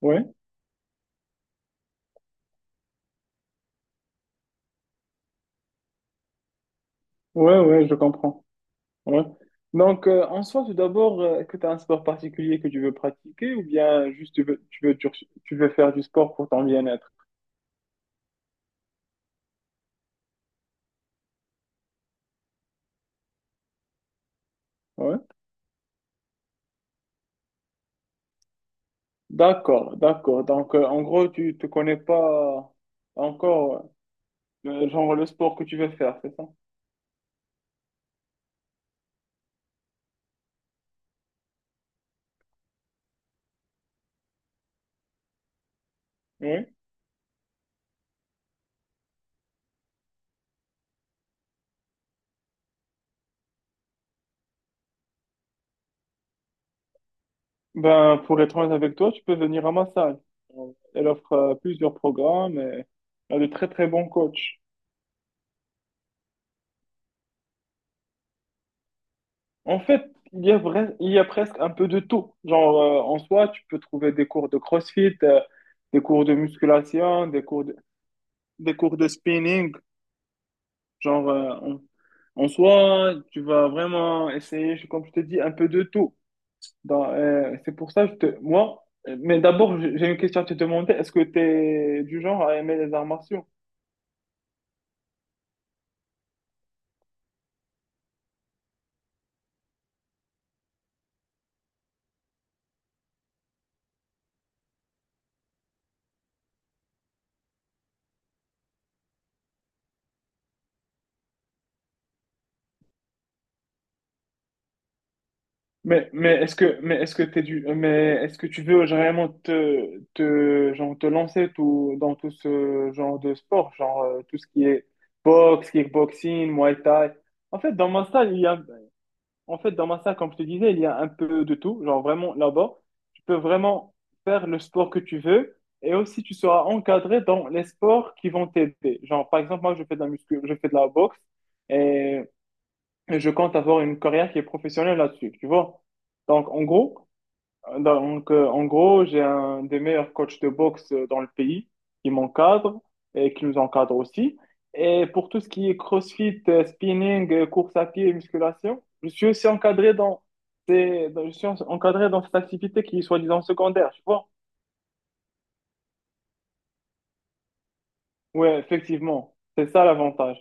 Ouais, ouais, ouais, je comprends. Ouais. Donc, en soi, tout d'abord, est-ce que tu as un sport particulier que tu veux pratiquer ou bien juste tu veux faire du sport pour ton bien-être? Ouais. D'accord, d'accord. Donc, en gros, tu te connais pas encore, genre, le sport que tu veux faire, c'est ça? Oui. Ben, pour être honnête avec toi, tu peux venir à ma salle. Elle offre plusieurs programmes, et elle a de très, très bons coachs. En fait, il y a presque un peu de tout. Genre, en soi, tu peux trouver des cours de CrossFit, des cours de musculation, des cours de spinning. Genre, en soi, tu vas vraiment essayer, comme je te dis, un peu de tout. C'est pour ça que je te, moi, mais d'abord, j'ai une question à te demander. Est-ce que tu es du genre à aimer les arts martiaux? Mais, est-ce que t'es du mais est-ce que tu veux vraiment te, te genre te lancer tout dans tout ce genre de sport, genre tout ce qui est boxe, kickboxing, Muay Thai? en fait dans ma salle il y a En fait, dans ma salle, comme je te disais, il y a un peu de tout. Genre, vraiment, là-bas, tu peux vraiment faire le sport que tu veux, et aussi tu seras encadré dans les sports qui vont t'aider. Genre, par exemple, moi, je fais de la muscu, je fais de la boxe, et et je compte avoir une carrière qui est professionnelle là-dessus, tu vois. Donc, en gros, j'ai un des meilleurs coachs de boxe dans le pays qui m'encadre et qui nous encadre aussi. Et pour tout ce qui est CrossFit, spinning, course à pied et musculation, je suis aussi encadré encadré dans cette activité qui est soi-disant secondaire, tu vois. Ouais, effectivement, c'est ça l'avantage.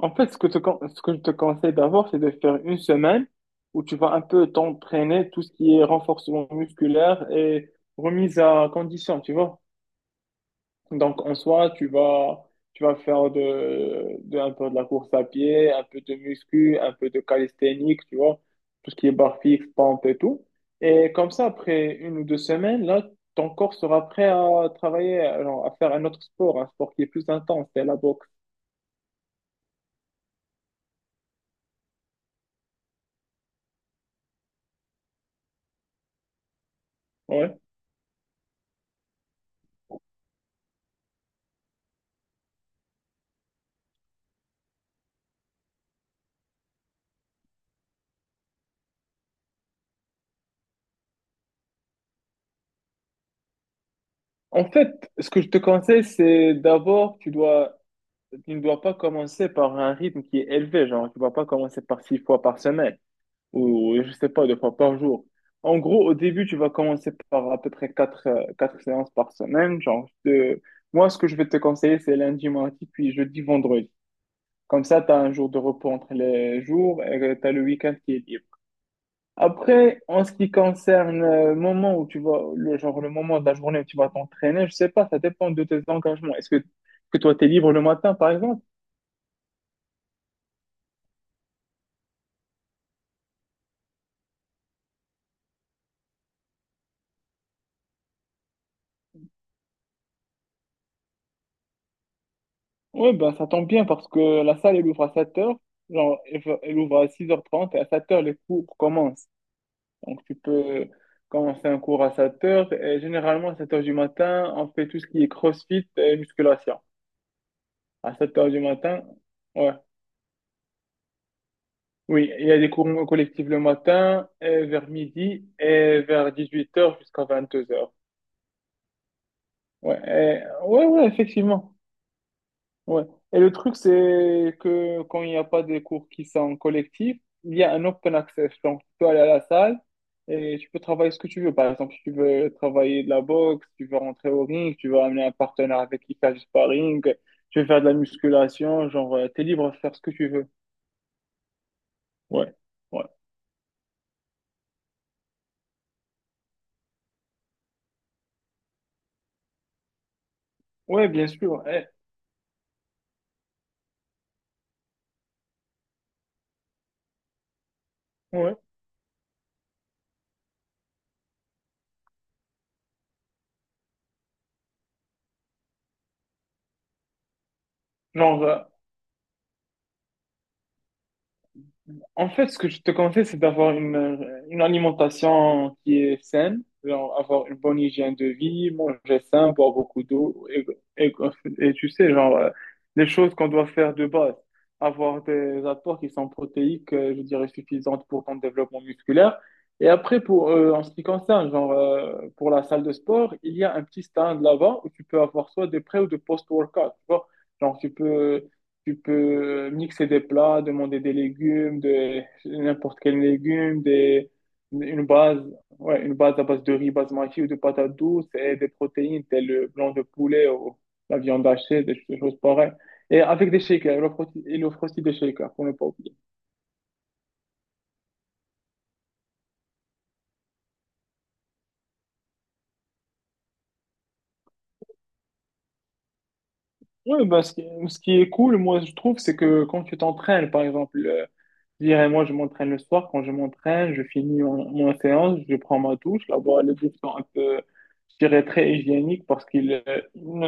En fait, ce que je te conseille d'abord, c'est de faire une semaine où tu vas un peu t'entraîner tout ce qui est renforcement musculaire et remise à condition, tu vois. Donc, en soi, tu vas faire un peu de la course à pied, un peu de muscu, un peu de calisthénique, tu vois. Tout ce qui est barre fixe, pompe et tout. Et comme ça, après une ou deux semaines, là, ton corps sera prêt à travailler, alors, à faire un autre sport, un sport qui est plus intense, c'est la boxe. Ouais. En fait, ce que je te conseille, c'est d'abord, tu ne dois pas commencer par un rythme qui est élevé, genre, tu ne dois pas commencer par 6 fois par semaine ou, je sais pas, 2 fois par jour. En gros, au début, tu vas commencer par à peu près 4 séances par semaine. Genre, te- moi, ce que je vais te conseiller, c'est lundi, mardi, puis jeudi, vendredi. Comme ça, tu as un jour de repos entre les jours et tu as le week-end qui est libre. Après, en ce qui concerne le moment où tu vas, le moment de la journée où tu vas t'entraîner, je sais pas, ça dépend de tes engagements. Que toi, t'es libre le matin, par exemple? Oui, ben ça tombe bien parce que la salle, elle ouvre à 7h. Genre, elle ouvre à 6h30 et à 7h, les cours commencent. Donc, tu peux commencer un cours à 7h et généralement, à 7h du matin, on fait tout ce qui est CrossFit et musculation. À 7h du matin, ouais. Oui, il y a des cours collectifs le matin, vers midi, et vers 18 heures jusqu'à 22 heures. Ouais, ouais, ouais, effectivement. Ouais. Et le truc, c'est que quand il n'y a pas des cours qui sont collectifs, il y a un open access. Donc, tu peux aller à la salle et tu peux travailler ce que tu veux. Par exemple, si tu veux travailler de la boxe, tu veux rentrer au ring, tu veux amener un partenaire avec qui faire du sparring, tu veux faire de la musculation, genre, t'es libre de faire ce que tu veux. Ouais, ouais. Ouais, bien sûr. Ouais. Genre, euh, En fait, ce que je te conseille, c'est d'avoir une alimentation qui est saine, genre avoir une bonne hygiène de vie, manger sain, boire beaucoup d'eau, et, et tu sais, genre, les choses qu'on doit faire de base, avoir des apports qui sont protéiques, je dirais, suffisantes pour ton développement musculaire. Et après, pour, en ce qui concerne, genre, pour la salle de sport, il y a un petit stand là-bas où tu peux avoir soit des pré ou des post-workout, tu vois. Genre, tu peux mixer des plats, demander des légumes, de n'importe quel légume, une base, ouais, une base à base de riz basmati ou de patates douces et des protéines telles le blanc de poulet ou la viande hachée, des choses pareilles. Et avec des shakers, il offre aussi des shakers, pour ne pas oublier. Ouais, bah, ce qui est cool, moi, je trouve, c'est que quand tu t'entraînes, par exemple, je dirais, moi, je m'entraîne le soir. Quand je m'entraîne, je finis mon séance, je prends ma douche. Là-bas, les douches sont un peu, je dirais, très hygiéniques parce qu'ils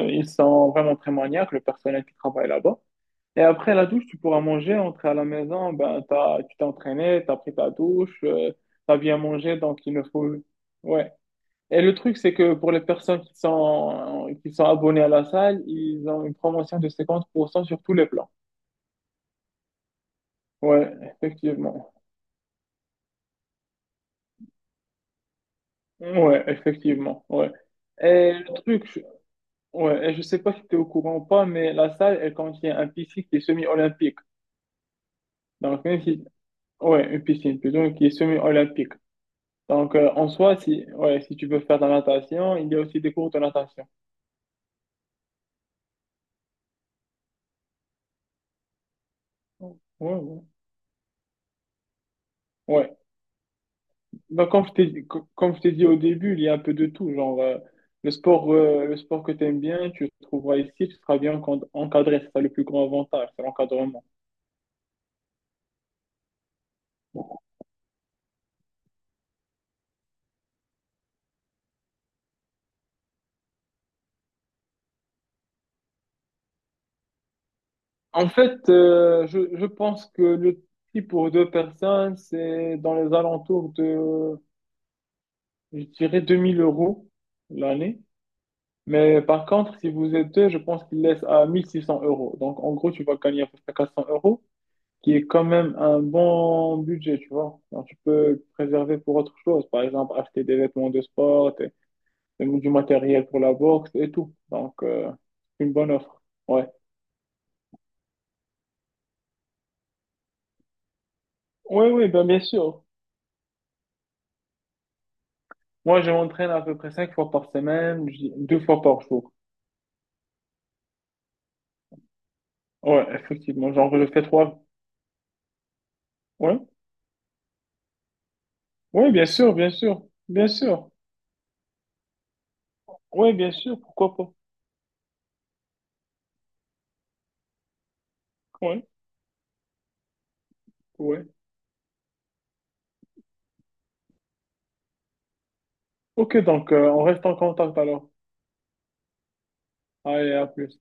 ils sont vraiment très maniaques, le personnel qui travaille là-bas. Et après la douche, tu pourras manger, entrer à la maison. Ben, tu t'es entraîné, t'as pris ta douche, t'as bien mangé, donc il ne faut... Ouais. Et le truc, c'est que pour les personnes qui sont abonnées à la salle, ils ont une promotion de 50% sur tous les plans. Ouais, effectivement. Ouais, effectivement, ouais. Et le truc, ouais, et je sais pas si tu es au courant ou pas, mais la salle, elle contient un piscine qui est semi-olympique. Donc, même si, ouais, une piscine plutôt, qui est semi-olympique. Donc, en soi, si, ouais, si tu veux faire de la natation, il y a aussi des cours de natation. Ouais, ouais. Ouais. Donc, comme je t'ai dit au début, il y a un peu de tout. Genre, le sport que tu aimes bien, tu le trouveras ici, tu seras bien encadré. C'est ça le plus grand avantage, c'est l'encadrement. En fait, je pense que le prix pour deux personnes, c'est dans les alentours de, je dirais, 2 000 euros l'année. Mais par contre, si vous êtes deux, je pense qu'il laisse à 1 600 euros. Donc, en gros, tu vas gagner à peu près 400 euros, qui est quand même un bon budget, tu vois. Alors, tu peux préserver pour autre chose. Par exemple, acheter des vêtements de sport, et du matériel pour la boxe et tout. Donc, une bonne offre. Ouais. Oui, oui, ben bien sûr. Moi, je m'entraîne à peu près 5 fois par semaine, 2 fois par jour. Ouais, effectivement. Genre, je fais trois. Ouais. Ouais, bien sûr, bien sûr. Bien sûr. Ouais, bien sûr. Pourquoi pas? Ouais. Ouais. Ok, donc, on reste en contact alors. Allez, à plus.